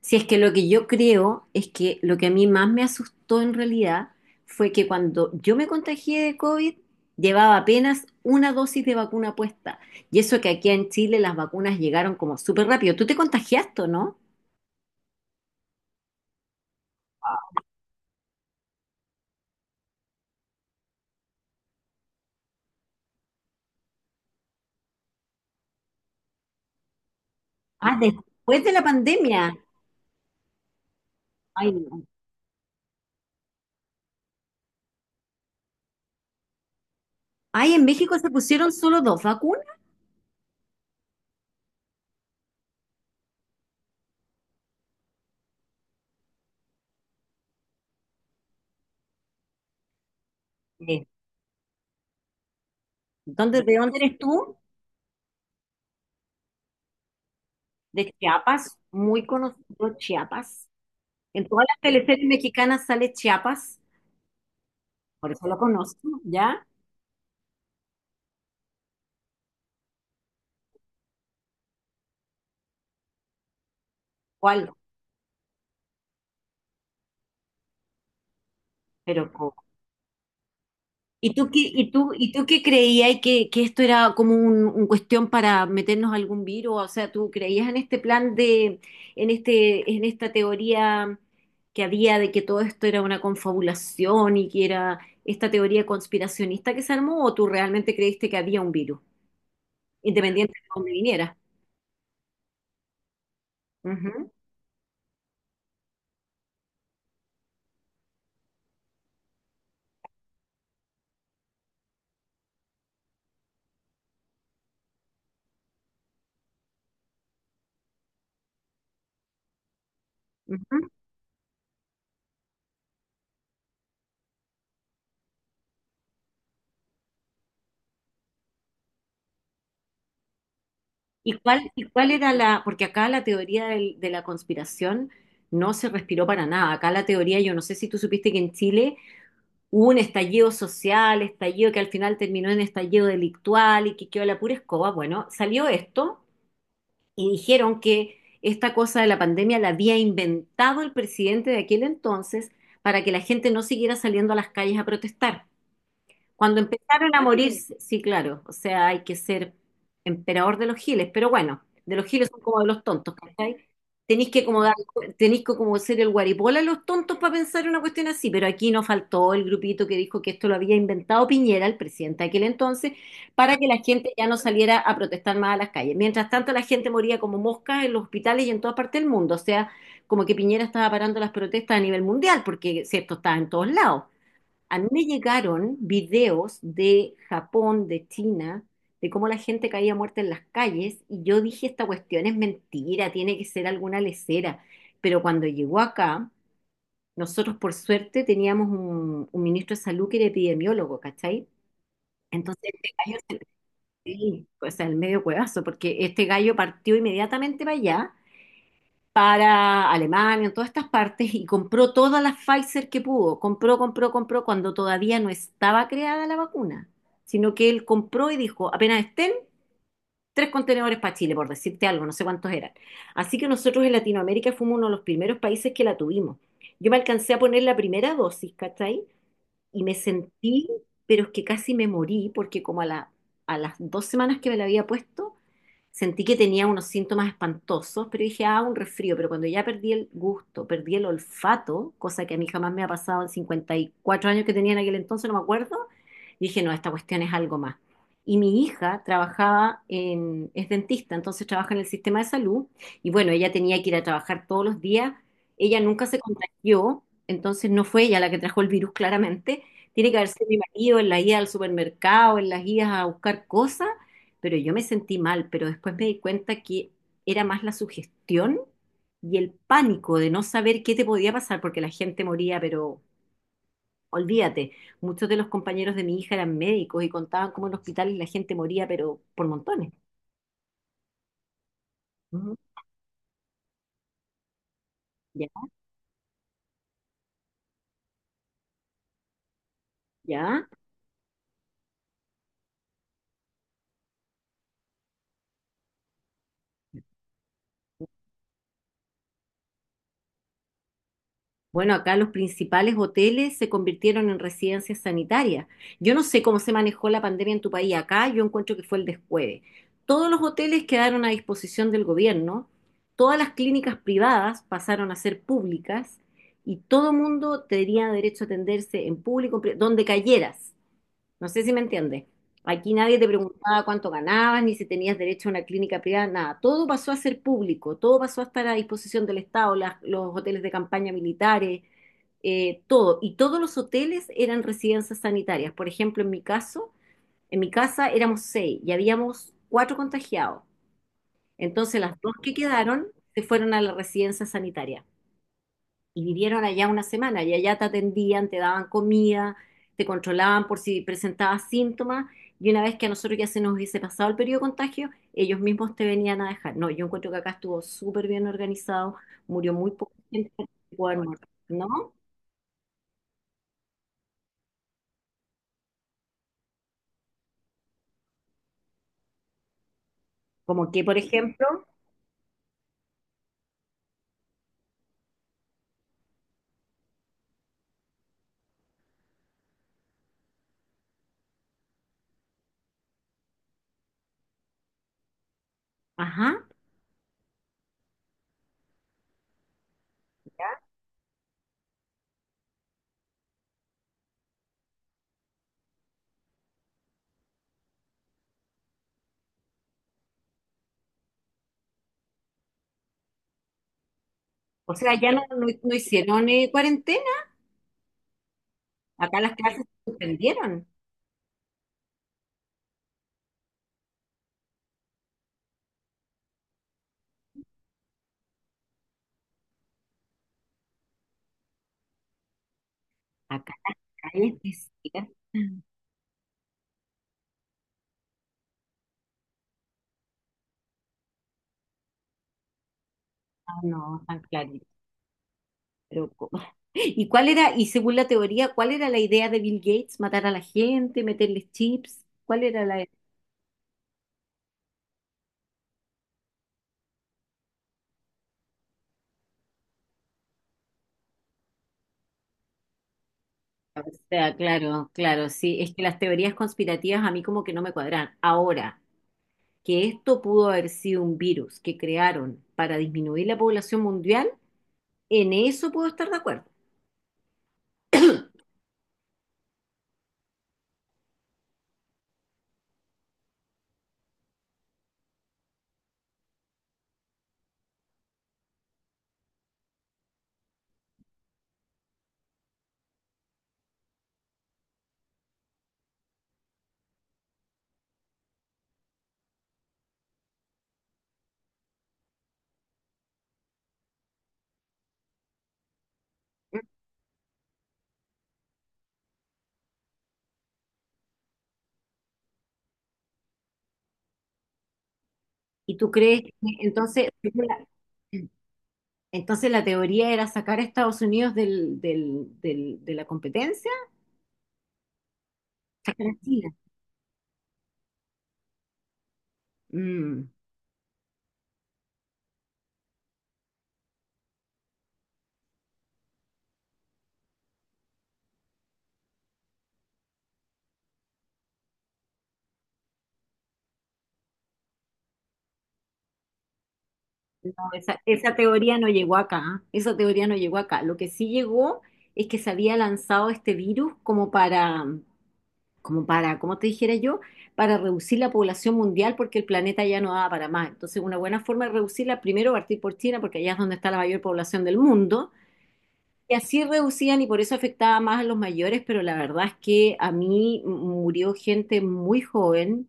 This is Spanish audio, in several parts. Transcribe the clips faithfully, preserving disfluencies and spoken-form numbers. Si es que lo que yo creo es que lo que a mí más me asustó en realidad fue que cuando yo me contagié de COVID, llevaba apenas una dosis de vacuna puesta. Y eso que aquí en Chile las vacunas llegaron como súper rápido. ¿Tú te contagiaste, o no? Ah, después de la pandemia. Ay, no. Ay, en México se pusieron solo dos vacunas. Sí. ¿Dónde, de dónde eres tú? De Chiapas, muy conocido Chiapas. En todas las teleseries mexicanas sale Chiapas, por eso lo conozco, ¿ya? ¿Cuál? Pero ¿cómo? ¿Y tú qué, y tú, y tú qué creías que, que esto era como un, un cuestión para meternos algún virus? O sea, ¿tú creías en este plan de, en este, en esta teoría que había de que todo esto era una confabulación y que era esta teoría conspiracionista que se armó? ¿O tú realmente creíste que había un virus, independiente de dónde viniera? Ujú, ujú. ¿Y cuál, y cuál era la, porque acá la teoría del- de la conspiración no se respiró para nada. Acá la teoría, yo no sé si tú supiste que en Chile hubo un estallido social, estallido que al final terminó en estallido delictual y que quedó la pura escoba. Bueno, salió esto y dijeron que esta cosa de la pandemia la había inventado el presidente de aquel entonces para que la gente no siguiera saliendo a las calles a protestar. Cuando empezaron a morir, sí, claro, o sea, hay que ser emperador de los giles, pero bueno, de los giles son como de los tontos, ¿cachai? Tenéis que como dar, tenéis que como ser el guaripola de los tontos para pensar una cuestión así, pero aquí no faltó el grupito que dijo que esto lo había inventado Piñera, el presidente de aquel entonces, para que la gente ya no saliera a protestar más a las calles. Mientras tanto, la gente moría como moscas en los hospitales y en toda parte del mundo, o sea, como que Piñera estaba parando las protestas a nivel mundial, porque si esto estaba en todos lados. A mí me llegaron videos de Japón, de China, de cómo la gente caía muerta en las calles y yo dije, esta cuestión es mentira, tiene que ser alguna lesera. Pero cuando llegó acá, nosotros por suerte teníamos un, un ministro de salud que era epidemiólogo, ¿cachai? Entonces este gallo se... sí, o sea, el medio cuevazo, porque este gallo partió inmediatamente para allá para Alemania, todas estas partes, y compró todas las Pfizer que pudo. Compró, compró, compró cuando todavía no estaba creada la vacuna, sino que él compró y dijo, apenas estén, tres contenedores para Chile, por decirte algo, no sé cuántos eran. Así que nosotros en Latinoamérica fuimos uno de los primeros países que la tuvimos. Yo me alcancé a poner la primera dosis, ¿cachai? Y me sentí, pero es que casi me morí, porque como a la, a las dos semanas que me la había puesto, sentí que tenía unos síntomas espantosos, pero dije, ah, un resfrío. Pero cuando ya perdí el gusto, perdí el olfato, cosa que a mí jamás me ha pasado en cincuenta y cuatro años que tenía en aquel entonces, no me acuerdo, dije, no, esta cuestión es algo más. Y mi hija trabajaba en, es dentista, entonces trabaja en el sistema de salud, y bueno, ella tenía que ir a trabajar todos los días, ella nunca se contagió, entonces no fue ella la que trajo el virus claramente, tiene que haber sido mi marido en la ida al supermercado, en las idas a buscar cosas, pero yo me sentí mal, pero después me di cuenta que era más la sugestión y el pánico de no saber qué te podía pasar, porque la gente moría, pero olvídate, muchos de los compañeros de mi hija eran médicos y contaban cómo en hospitales la gente moría, pero por montones. Ujú. ¿Ya? ¿Ya? Bueno, acá los principales hoteles se convirtieron en residencias sanitarias. Yo no sé cómo se manejó la pandemia en tu país. Acá yo encuentro que fue el descueve. Todos los hoteles quedaron a disposición del gobierno, todas las clínicas privadas pasaron a ser públicas y todo mundo tenía derecho a atenderse en público, en pri- donde cayeras. No sé si me entiendes. Aquí nadie te preguntaba cuánto ganabas, ni si tenías derecho a una clínica privada, nada. Todo pasó a ser público, todo pasó a estar a disposición del Estado, las- los hoteles de campaña militares, eh, todo. Y todos los hoteles eran residencias sanitarias. Por ejemplo, en mi caso, en mi casa éramos seis y habíamos cuatro contagiados. Entonces las dos que quedaron se fueron a la residencia sanitaria y vivieron allá una semana y allá te atendían, te daban comida, te controlaban por si presentabas síntomas y una vez que a nosotros ya se nos hubiese pasado el periodo de contagio, ellos mismos te venían a dejar. No, yo encuentro que acá estuvo súper bien organizado, murió muy poco, muerto, ¿no? Como que, por ejemplo, ajá, o sea, ya no, no- no hicieron eh, cuarentena, acá las clases se suspendieron, acá las calles te cierran. Ah, no, tan claro. Pero, ¿cómo? ¿Y cuál era, y según la teoría, cuál era la idea de Bill Gates? ¿Matar a la gente, meterles chips? ¿Cuál era la idea? O sea, claro, claro, sí, es que las teorías conspirativas a mí como que no me cuadran. Ahora, que esto pudo haber sido un virus que crearon para disminuir la población mundial, en eso puedo estar de acuerdo. ¿Y tú crees que entonces, según la- entonces la teoría era sacar a Estados Unidos del, del- del- de la competencia? Sacar a China. Mm. No, esa, esa teoría no llegó acá, ¿ah? Esa teoría no llegó acá. Lo que sí llegó es que se había lanzado este virus como para, como para, como te dijera yo, para reducir la población mundial porque el planeta ya no daba para más. Entonces, una buena forma de reducirla, primero partir por China, porque allá es donde está la mayor población del mundo. Y así reducían y por eso afectaba más a los mayores, pero la verdad es que a mí murió gente muy joven.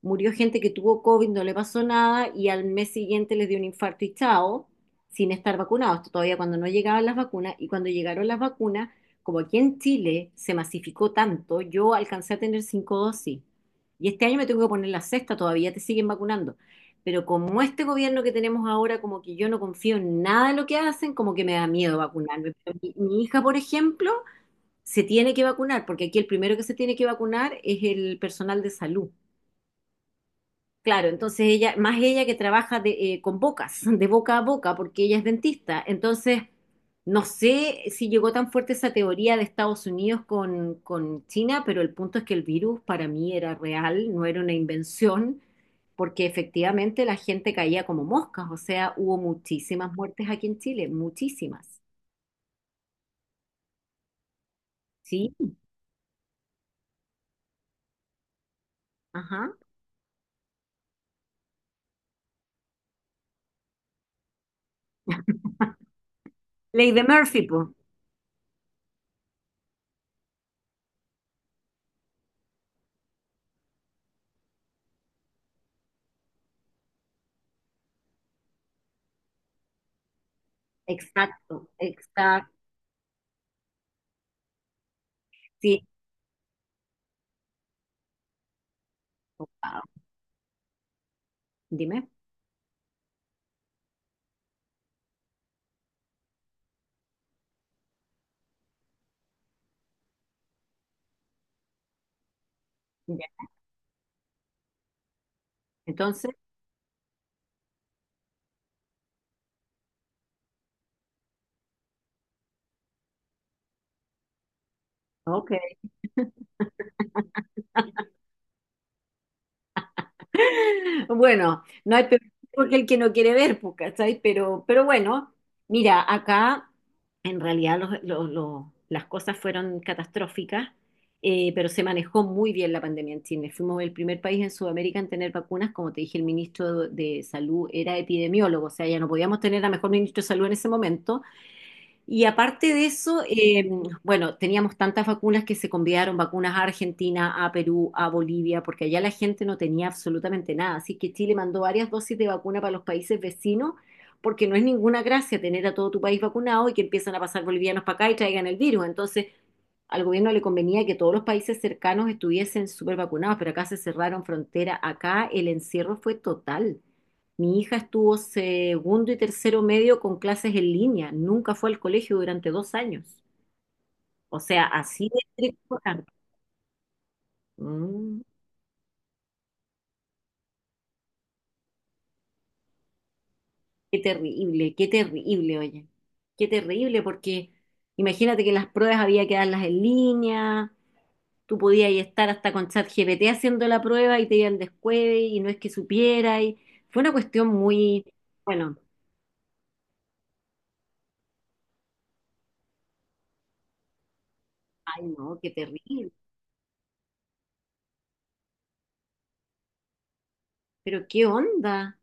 Murió gente que tuvo COVID, no le pasó nada y al mes siguiente les dio un infarto y chao, sin estar vacunados. Esto todavía cuando no llegaban las vacunas y cuando llegaron las vacunas, como aquí en Chile se masificó tanto, yo alcancé a tener cinco dosis y este año me tengo que poner la sexta, todavía te siguen vacunando. Pero como este gobierno que tenemos ahora, como que yo no confío en nada de lo que hacen, como que me da miedo vacunarme. Pero mi, mi hija, por ejemplo, se tiene que vacunar, porque aquí el primero que se tiene que vacunar es el personal de salud. Claro, entonces ella, más ella que trabaja de, eh, con bocas, de boca a boca, porque ella es dentista. Entonces, no sé si llegó tan fuerte esa teoría de Estados Unidos con, con China, pero el punto es que el virus para mí era real, no era una invención, porque efectivamente la gente caía como moscas, o sea, hubo muchísimas muertes aquí en Chile, muchísimas, ¿sí? Ajá. Ley de Murphy, pues. Exacto, exacto, sí. Wow. Dime. Ya. Entonces, ok. Bueno, no hay peor que el que no quiere ver, po, ¿cachai? Pero, pero bueno, mira, acá en realidad los- los- los- las cosas fueron catastróficas, eh, pero se manejó muy bien la pandemia en Chile. Fuimos el primer país en Sudamérica en tener vacunas. Como te dije, el ministro de Salud era epidemiólogo, o sea, ya no podíamos tener a mejor ministro de Salud en ese momento, y aparte de eso, eh, bueno, teníamos tantas vacunas que se convidaron vacunas a Argentina, a Perú, a Bolivia, porque allá la gente no tenía absolutamente nada. Así que Chile mandó varias dosis de vacuna para los países vecinos, porque no es ninguna gracia tener a todo tu país vacunado y que empiezan a pasar bolivianos para acá y traigan el virus. Entonces, al gobierno le convenía que todos los países cercanos estuviesen súper vacunados, pero acá se cerraron frontera, acá el encierro fue total. Mi hija estuvo segundo y tercero medio con clases en línea, nunca fue al colegio durante dos años. O sea, así de estricto era. Mm, qué terrible, qué terrible, oye. Qué terrible, porque imagínate que las pruebas había que darlas en línea. Tú podías estar hasta con ChatGPT haciendo la prueba y te iban descueve y no es que supiera. Y fue una cuestión muy, bueno, ay no, qué terrible. Pero qué onda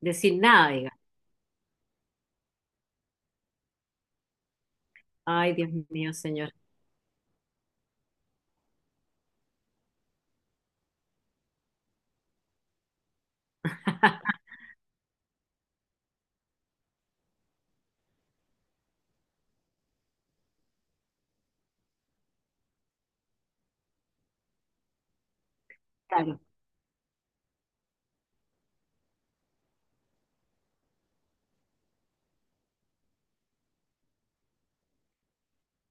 decir nada, diga. Ay, Dios mío, señor. Claro.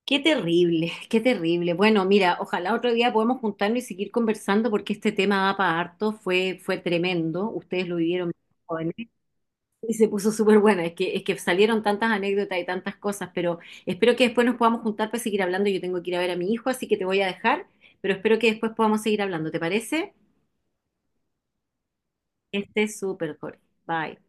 Qué terrible, qué terrible. Bueno, mira, ojalá otro día podamos juntarnos y seguir conversando porque este tema da para harto, fue, fue tremendo. Ustedes lo vivieron muy jóvenes. Y se puso súper buena, es que, es que salieron tantas anécdotas y tantas cosas, pero espero que después nos podamos juntar para seguir hablando. Yo tengo que ir a ver a mi hijo, así que te voy a dejar, pero espero que después podamos seguir hablando. ¿Te parece? Este es súper, Jorge. Bye.